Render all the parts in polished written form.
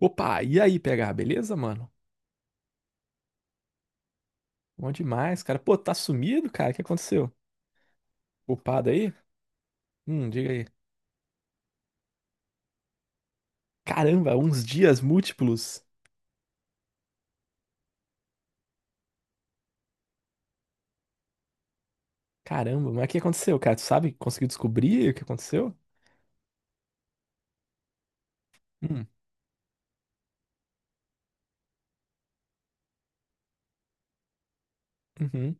Opa, e aí, PH, beleza, mano? Bom demais, cara. Pô, tá sumido, cara? O que aconteceu? Upado aí? Diga aí. Caramba, uns dias múltiplos. Caramba, mas o que aconteceu, cara? Tu sabe? Conseguiu descobrir o que aconteceu? Hum, uhum.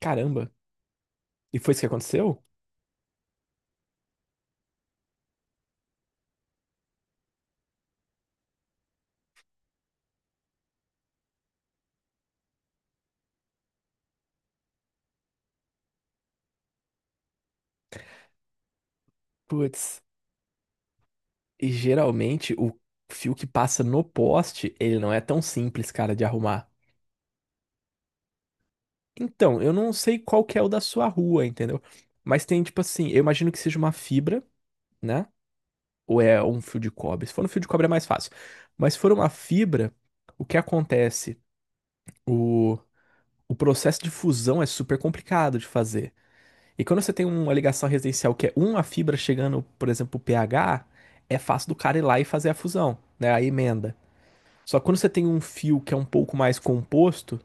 Caramba. E foi isso que aconteceu? Putz, e geralmente o fio que passa no poste, ele não é tão simples, cara, de arrumar. Então, eu não sei qual que é o da sua rua, entendeu? Mas tem, tipo assim, eu imagino que seja uma fibra, né? Ou é um fio de cobre. Se for um fio de cobre é mais fácil. Mas se for uma fibra, o que acontece? O, o processo de fusão é super complicado de fazer. E quando você tem uma ligação residencial que é uma fibra chegando, por exemplo, pH, é fácil do cara ir lá e fazer a fusão, né? A emenda. Só que quando você tem um fio que é um pouco mais composto,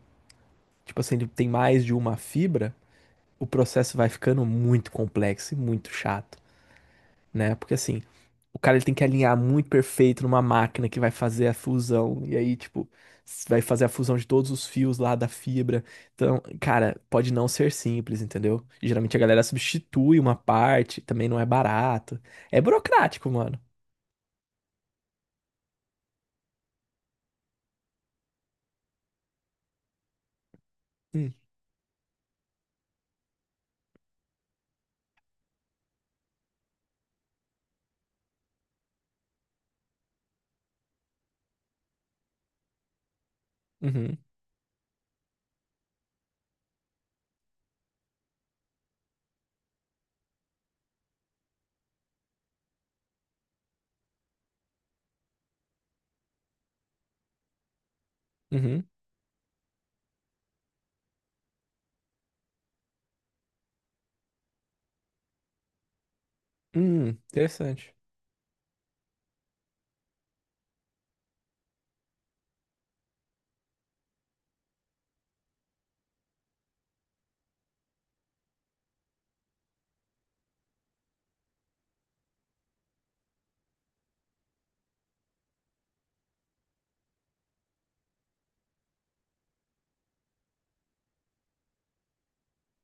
tipo assim, ele tem mais de uma fibra, o processo vai ficando muito complexo e muito chato, né? Porque assim, o cara ele tem que alinhar muito perfeito numa máquina que vai fazer a fusão. E aí, tipo, vai fazer a fusão de todos os fios lá da fibra. Então, cara, pode não ser simples, entendeu? E geralmente a galera substitui uma parte, também não é barato. É burocrático, mano. Hum, uhum, uhum, interessante.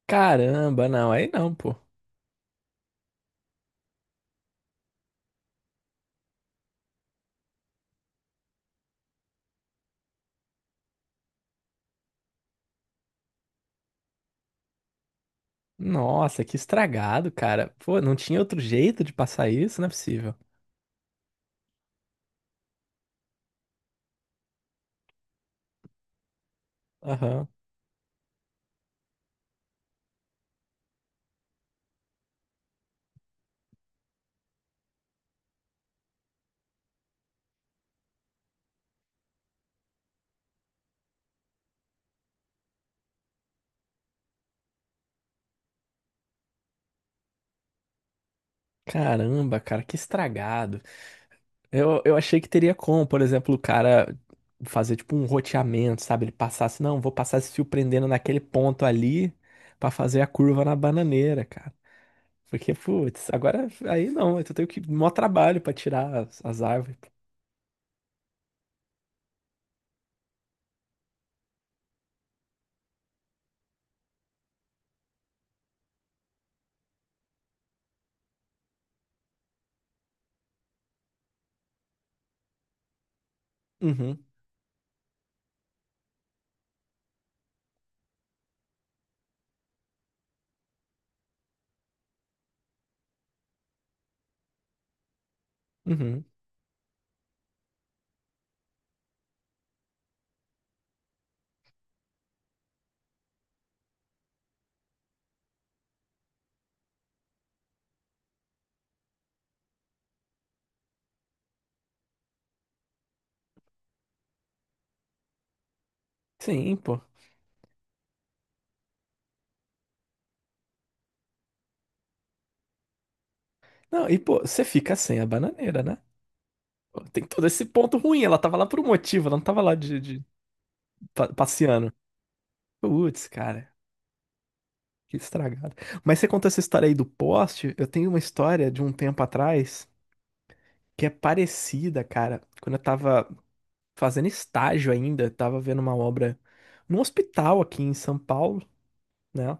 Caramba, não, aí não, pô. Nossa, que estragado, cara. Pô, não tinha outro jeito de passar isso? Não é possível. Aham. Caramba, cara, que estragado. Eu achei que teria como, por exemplo, o cara fazer tipo um roteamento, sabe? Ele passasse, não, vou passar esse fio prendendo naquele ponto ali pra fazer a curva na bananeira, cara. Porque, putz, agora aí não, eu tenho que mó trabalho pra tirar as árvores. Uhum, uhum. Sim, pô. Não, e pô, você fica sem a bananeira, né? Pô, tem todo esse ponto ruim, ela tava lá por um motivo, ela não tava lá passeando. Putz, cara, que estragado. Mas você conta essa história aí do poste, eu tenho uma história de um tempo atrás que é parecida, cara. Quando eu tava fazendo estágio ainda, eu tava vendo uma obra num hospital aqui em São Paulo, né?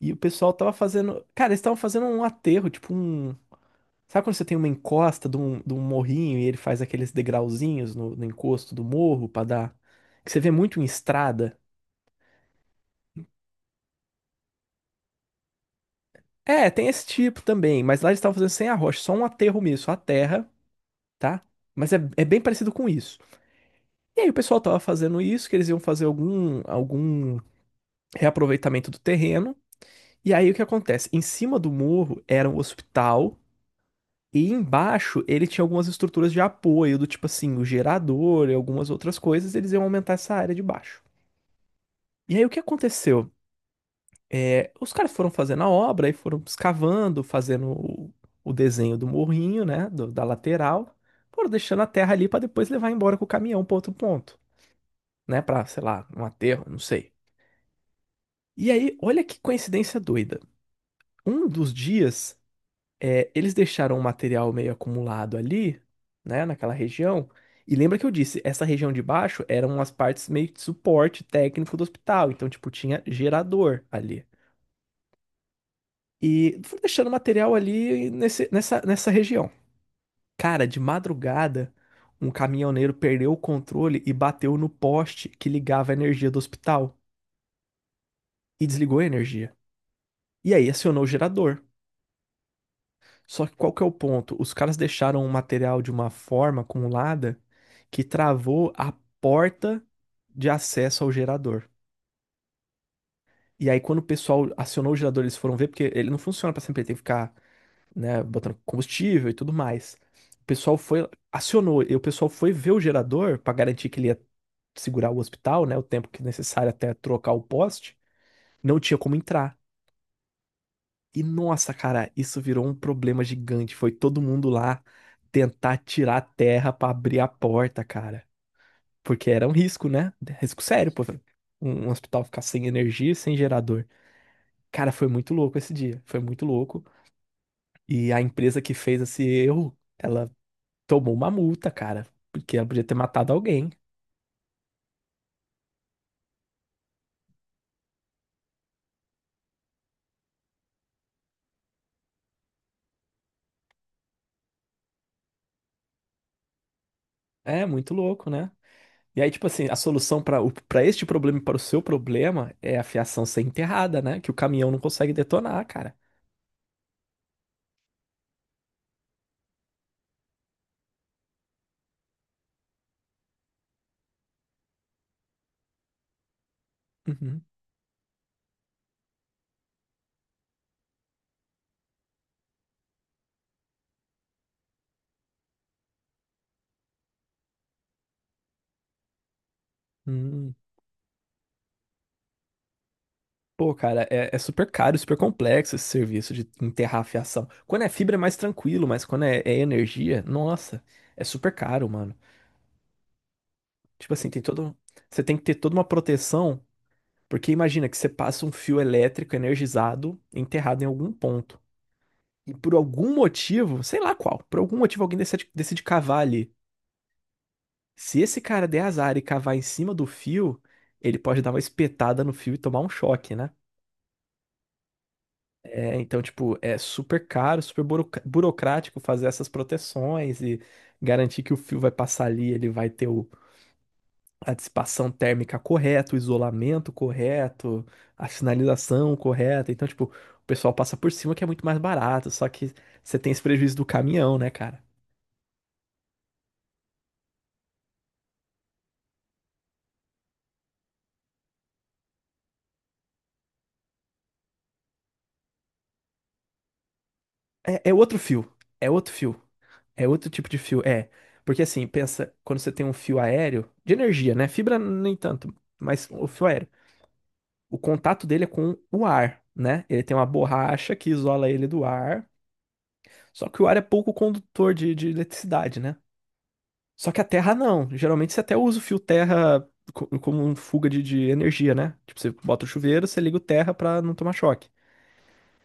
E o pessoal tava fazendo. Cara, eles estavam fazendo um aterro, tipo um. Sabe quando você tem uma encosta de um morrinho e ele faz aqueles degrauzinhos no encosto do morro pra dar. Que você vê muito em estrada? É, tem esse tipo também, mas lá eles estavam fazendo sem arrocha, só um aterro mesmo, só a terra. Tá? Mas é, é bem parecido com isso. E aí o pessoal tava fazendo isso, que eles iam fazer algum reaproveitamento do terreno. E aí o que acontece? Em cima do morro era um hospital e embaixo ele tinha algumas estruturas de apoio, do tipo assim, o gerador e algumas outras coisas, eles iam aumentar essa área de baixo. E aí o que aconteceu? É, os caras foram fazendo a obra e foram escavando, fazendo o desenho do morrinho, né, da lateral, foram deixando a terra ali para depois levar embora com o caminhão para outro ponto. Né, pra, sei lá, um aterro, não sei. E aí, olha que coincidência doida. Um dos dias, é, eles deixaram o material meio acumulado ali, né, naquela região. E lembra que eu disse, essa região de baixo eram as partes meio de suporte técnico do hospital. Então, tipo, tinha gerador ali. E fui deixando material ali nessa região. Cara, de madrugada, um caminhoneiro perdeu o controle e bateu no poste que ligava a energia do hospital. E desligou a energia. E aí acionou o gerador. Só que qual que é o ponto? Os caras deixaram o material de uma forma acumulada que travou a porta de acesso ao gerador. E aí, quando o pessoal acionou o gerador, eles foram ver, porque ele não funciona para sempre, ele tem que ficar, né, botando combustível e tudo mais. O pessoal foi, acionou, e o pessoal foi ver o gerador para garantir que ele ia segurar o hospital, né, o tempo que necessário até trocar o poste. Não tinha como entrar. E nossa, cara, isso virou um problema gigante. Foi todo mundo lá tentar tirar a terra pra abrir a porta, cara. Porque era um risco, né? Risco sério, pô. Um hospital ficar sem energia, e sem gerador. Cara, foi muito louco esse dia. Foi muito louco. E a empresa que fez esse erro, ela tomou uma multa, cara. Porque ela podia ter matado alguém. É muito louco, né? E aí, tipo assim, a solução para este problema e para o seu problema é a fiação ser enterrada, né? Que o caminhão não consegue detonar, cara. Uhum. Hum, pô, cara, é, é super caro, super complexo esse serviço de enterrar a fiação. Quando é fibra é mais tranquilo, mas quando é, é energia, nossa, é super caro, mano. Tipo assim, tem todo. Você tem que ter toda uma proteção, porque imagina que você passa um fio elétrico energizado enterrado em algum ponto. E por algum motivo, sei lá qual, por algum motivo alguém decide cavar ali. Se esse cara der azar e cavar em cima do fio, ele pode dar uma espetada no fio e tomar um choque, né? É, então, tipo, é super caro, super burocrático fazer essas proteções e garantir que o fio vai passar ali, ele vai ter a dissipação térmica correta, o isolamento correto, a sinalização correta. Então, tipo, o pessoal passa por cima que é muito mais barato, só que você tem esse prejuízo do caminhão, né, cara? É, é outro fio, é outro tipo de fio, é. Porque assim, pensa, quando você tem um fio aéreo, de energia, né? Fibra nem tanto, mas o fio aéreo. O contato dele é com o ar, né? Ele tem uma borracha que isola ele do ar. Só que o ar é pouco condutor de eletricidade, né? Só que a terra não. Geralmente você até usa o fio terra como um fuga de energia, né? Tipo, você bota o chuveiro, você liga o terra pra não tomar choque.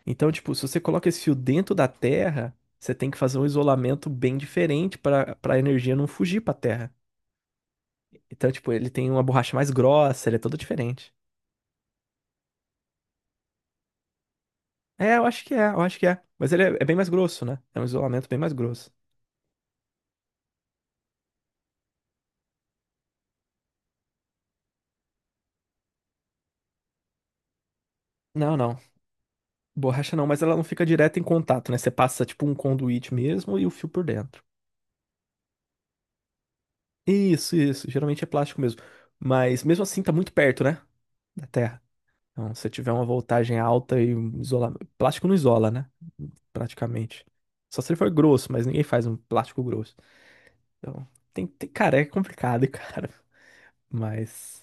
Então, tipo, se você coloca esse fio dentro da terra, você tem que fazer um isolamento bem diferente pra para a energia não fugir pra terra. Então, tipo, ele tem uma borracha mais grossa, ele é todo diferente. É, eu acho que é. Mas ele é, é bem mais grosso, né? É um isolamento bem mais grosso. Não, não. Borracha não, mas ela não fica direto em contato, né? Você passa tipo um conduíte mesmo e o fio por dentro. Isso, isso. Geralmente é plástico mesmo. Mas mesmo assim tá muito perto, né? Da Terra. Então, se tiver uma voltagem alta e um isolamento. Plástico não isola, né? Praticamente. Só se ele for grosso, mas ninguém faz um plástico grosso. Então, tem... cara, é complicado, cara. Mas.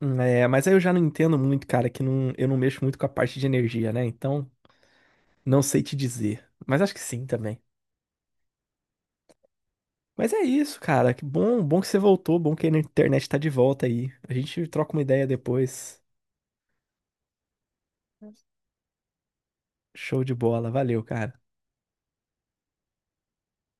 É, mas aí eu já não entendo muito, cara, que não, eu não mexo muito com a parte de energia, né? Então, não sei te dizer. Mas acho que sim também. Mas é isso, cara. Que bom, bom que você voltou, bom que a internet tá de volta aí. A gente troca uma ideia depois. Show de bola. Valeu, cara.